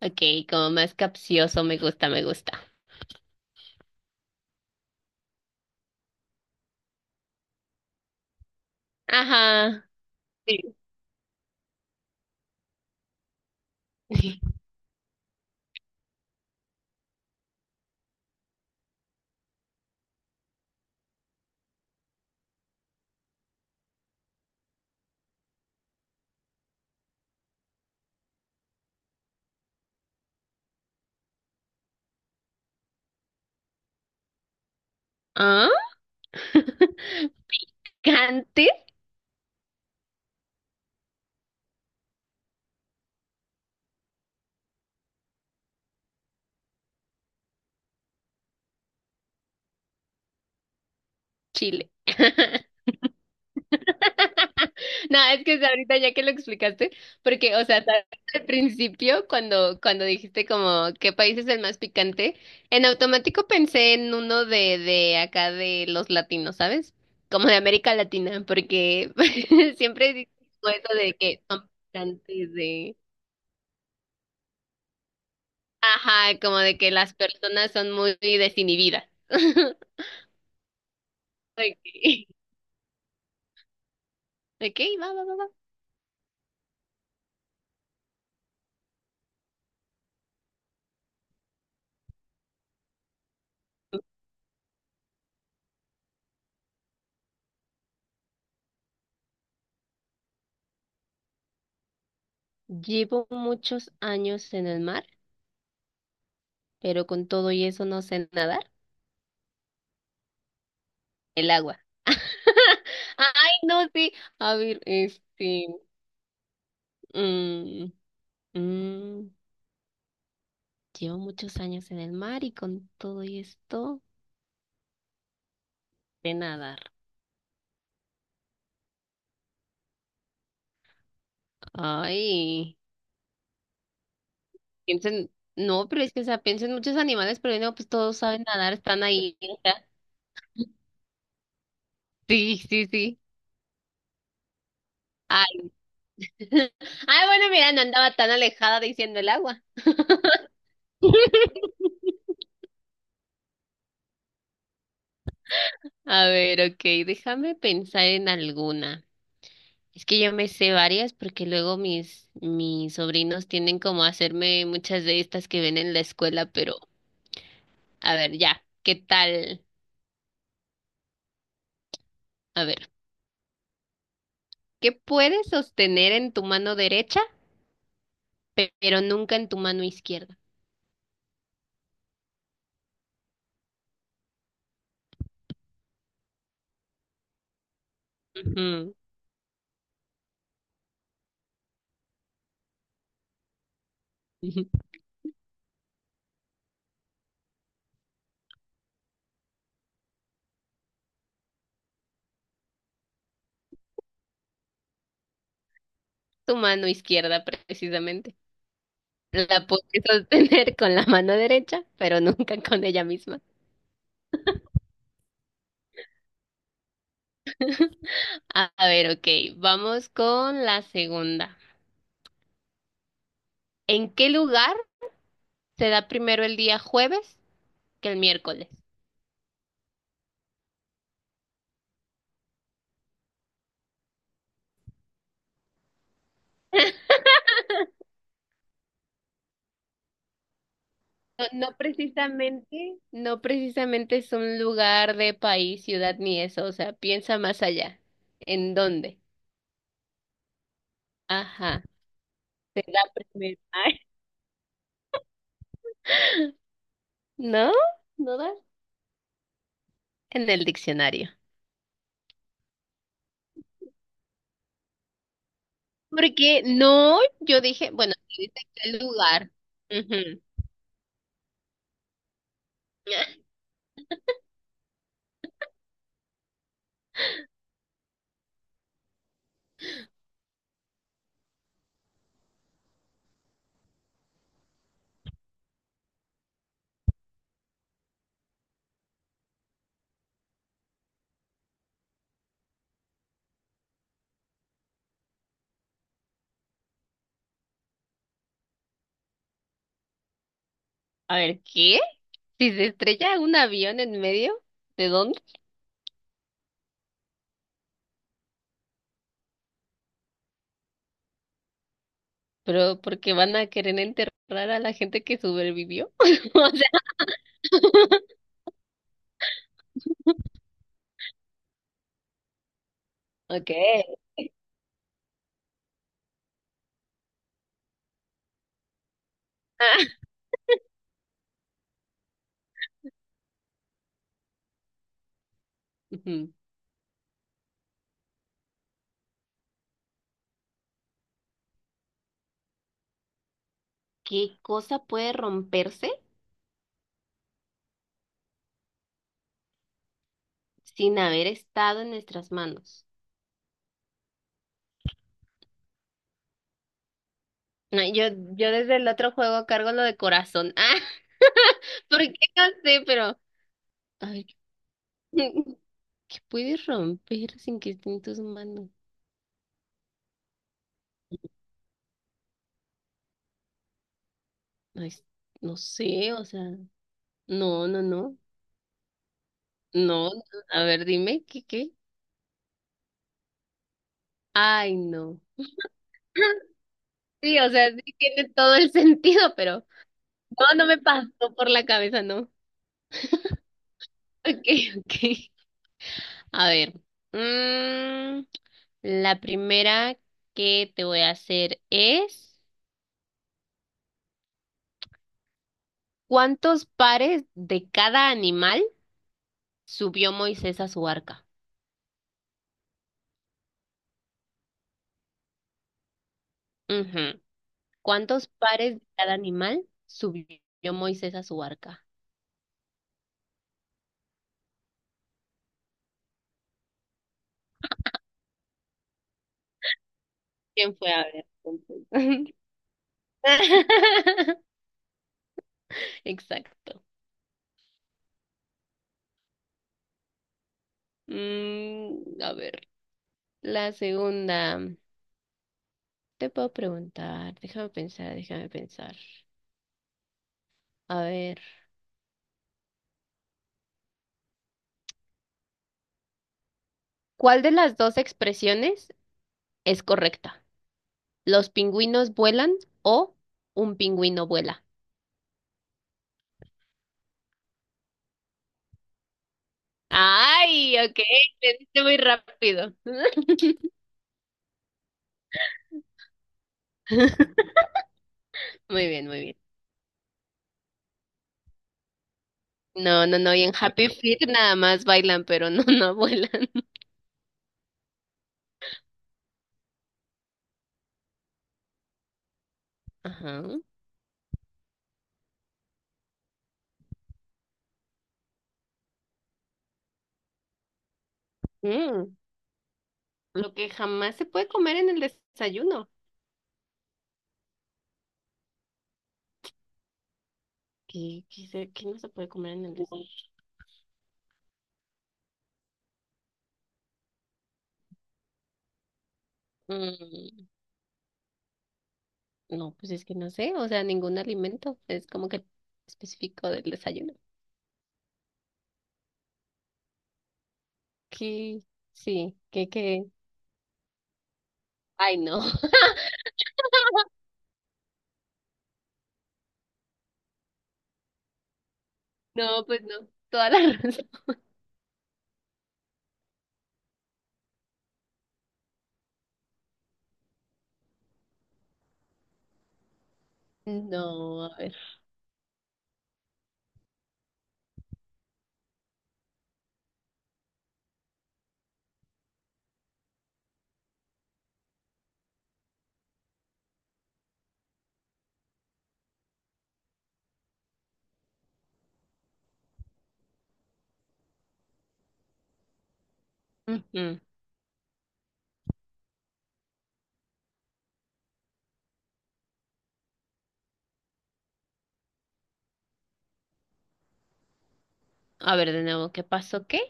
Ok, como más capcioso, me gusta, me gusta. Ajá. Sí. ¿Ah? Cante Chile. No, es que ahorita ya que lo explicaste, porque, o sea, al principio, cuando dijiste como qué país es el más picante, en automático pensé en uno de acá de los latinos, ¿sabes? Como de América Latina, porque siempre dicen como eso de que son picantes de... Ajá, como de que las personas son muy desinhibidas. Okay. Ok, va, va, va, va. Llevo muchos años en el mar, pero con todo y eso no sé nadar. El agua. Ay, no, sí. A ver, este. mm, mm, llevo muchos años en el mar y con todo y esto sé nadar. Ay, piensen. No, pero es que, o sea, piensen muchos animales, pero no, pues todos saben nadar, están ahí, o sea. Sí, sí, sí. Ah, bueno, mira, no andaba tan alejada diciendo el agua. A ver, ok, déjame pensar en alguna. Es que yo me sé varias porque luego mis, mis sobrinos tienen como a hacerme muchas de estas que ven en la escuela, pero a ver, ya, ¿qué tal? A ver, ¿qué puedes sostener en tu mano derecha, pero nunca en tu mano izquierda? Ujú, ujú. Tu mano izquierda, precisamente. La puedes sostener con la mano derecha, pero nunca con ella misma. A ver, ok, vamos con la segunda. ¿En qué lugar se da primero el día jueves que el miércoles? No, no precisamente, no precisamente es un lugar de país, ciudad ni eso, o sea, piensa más allá. ¿En dónde? Ajá, se da primero. Ay, ¿no? ¿No das? En el diccionario. Porque no, yo dije, bueno, sí dice que el lugar. Ujú. A ver, ¿qué? Si se estrella un avión en medio, ¿de dónde? Pero porque van a querer enterrar a la gente que sobrevivió. O sea, okay. Ujú. ¿Qué cosa puede romperse sin haber estado en nuestras manos? No, yo desde el otro juego cargo lo de corazón. Ah, porque no sé, pero a ver, ¿qué puedes romper sin que esté en tus manos? Ay, no sé, o sea, no, no, no, no, no. A ver, dime, ¿qué, qué? Ay, no. Sí, o sea, sí tiene todo el sentido, pero no, no me pasó por la cabeza, no. Ok, ok. A ver. mm, la primera que te voy a hacer es, ¿cuántos pares de cada animal subió Moisés a su arca? Ujú. ¿Cuántos pares de cada animal subió Moisés a su arca? ¿Quién fue a ver, entonces? Exacto. Mm, a ver, la segunda. Te puedo preguntar, déjame pensar. A ver, ¿cuál de las dos expresiones es correcta? ¿Los pingüinos vuelan o un pingüino vuela? Ay, ok, le diste muy rápido. Muy bien, muy bien. No, no, no, y en Happy Feet nada más bailan, pero no, no vuelan. Ajá. Mm, lo que jamás se puede comer en el desayuno. ¿Qué, qué no se puede comer en el desayuno? Mm, no, pues es que no sé, o sea, ningún alimento es como que específico del desayuno. Que sí, que que. Ay, no, no, pues no, toda la razón. No, a ver. Ujú. A ver, de nuevo, ¿qué pasó qué?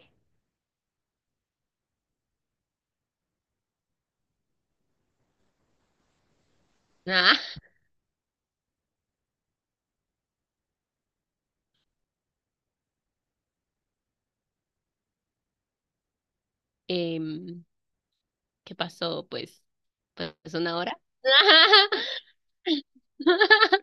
Ah, em, ¿qué pasó? Pues, pues una hora.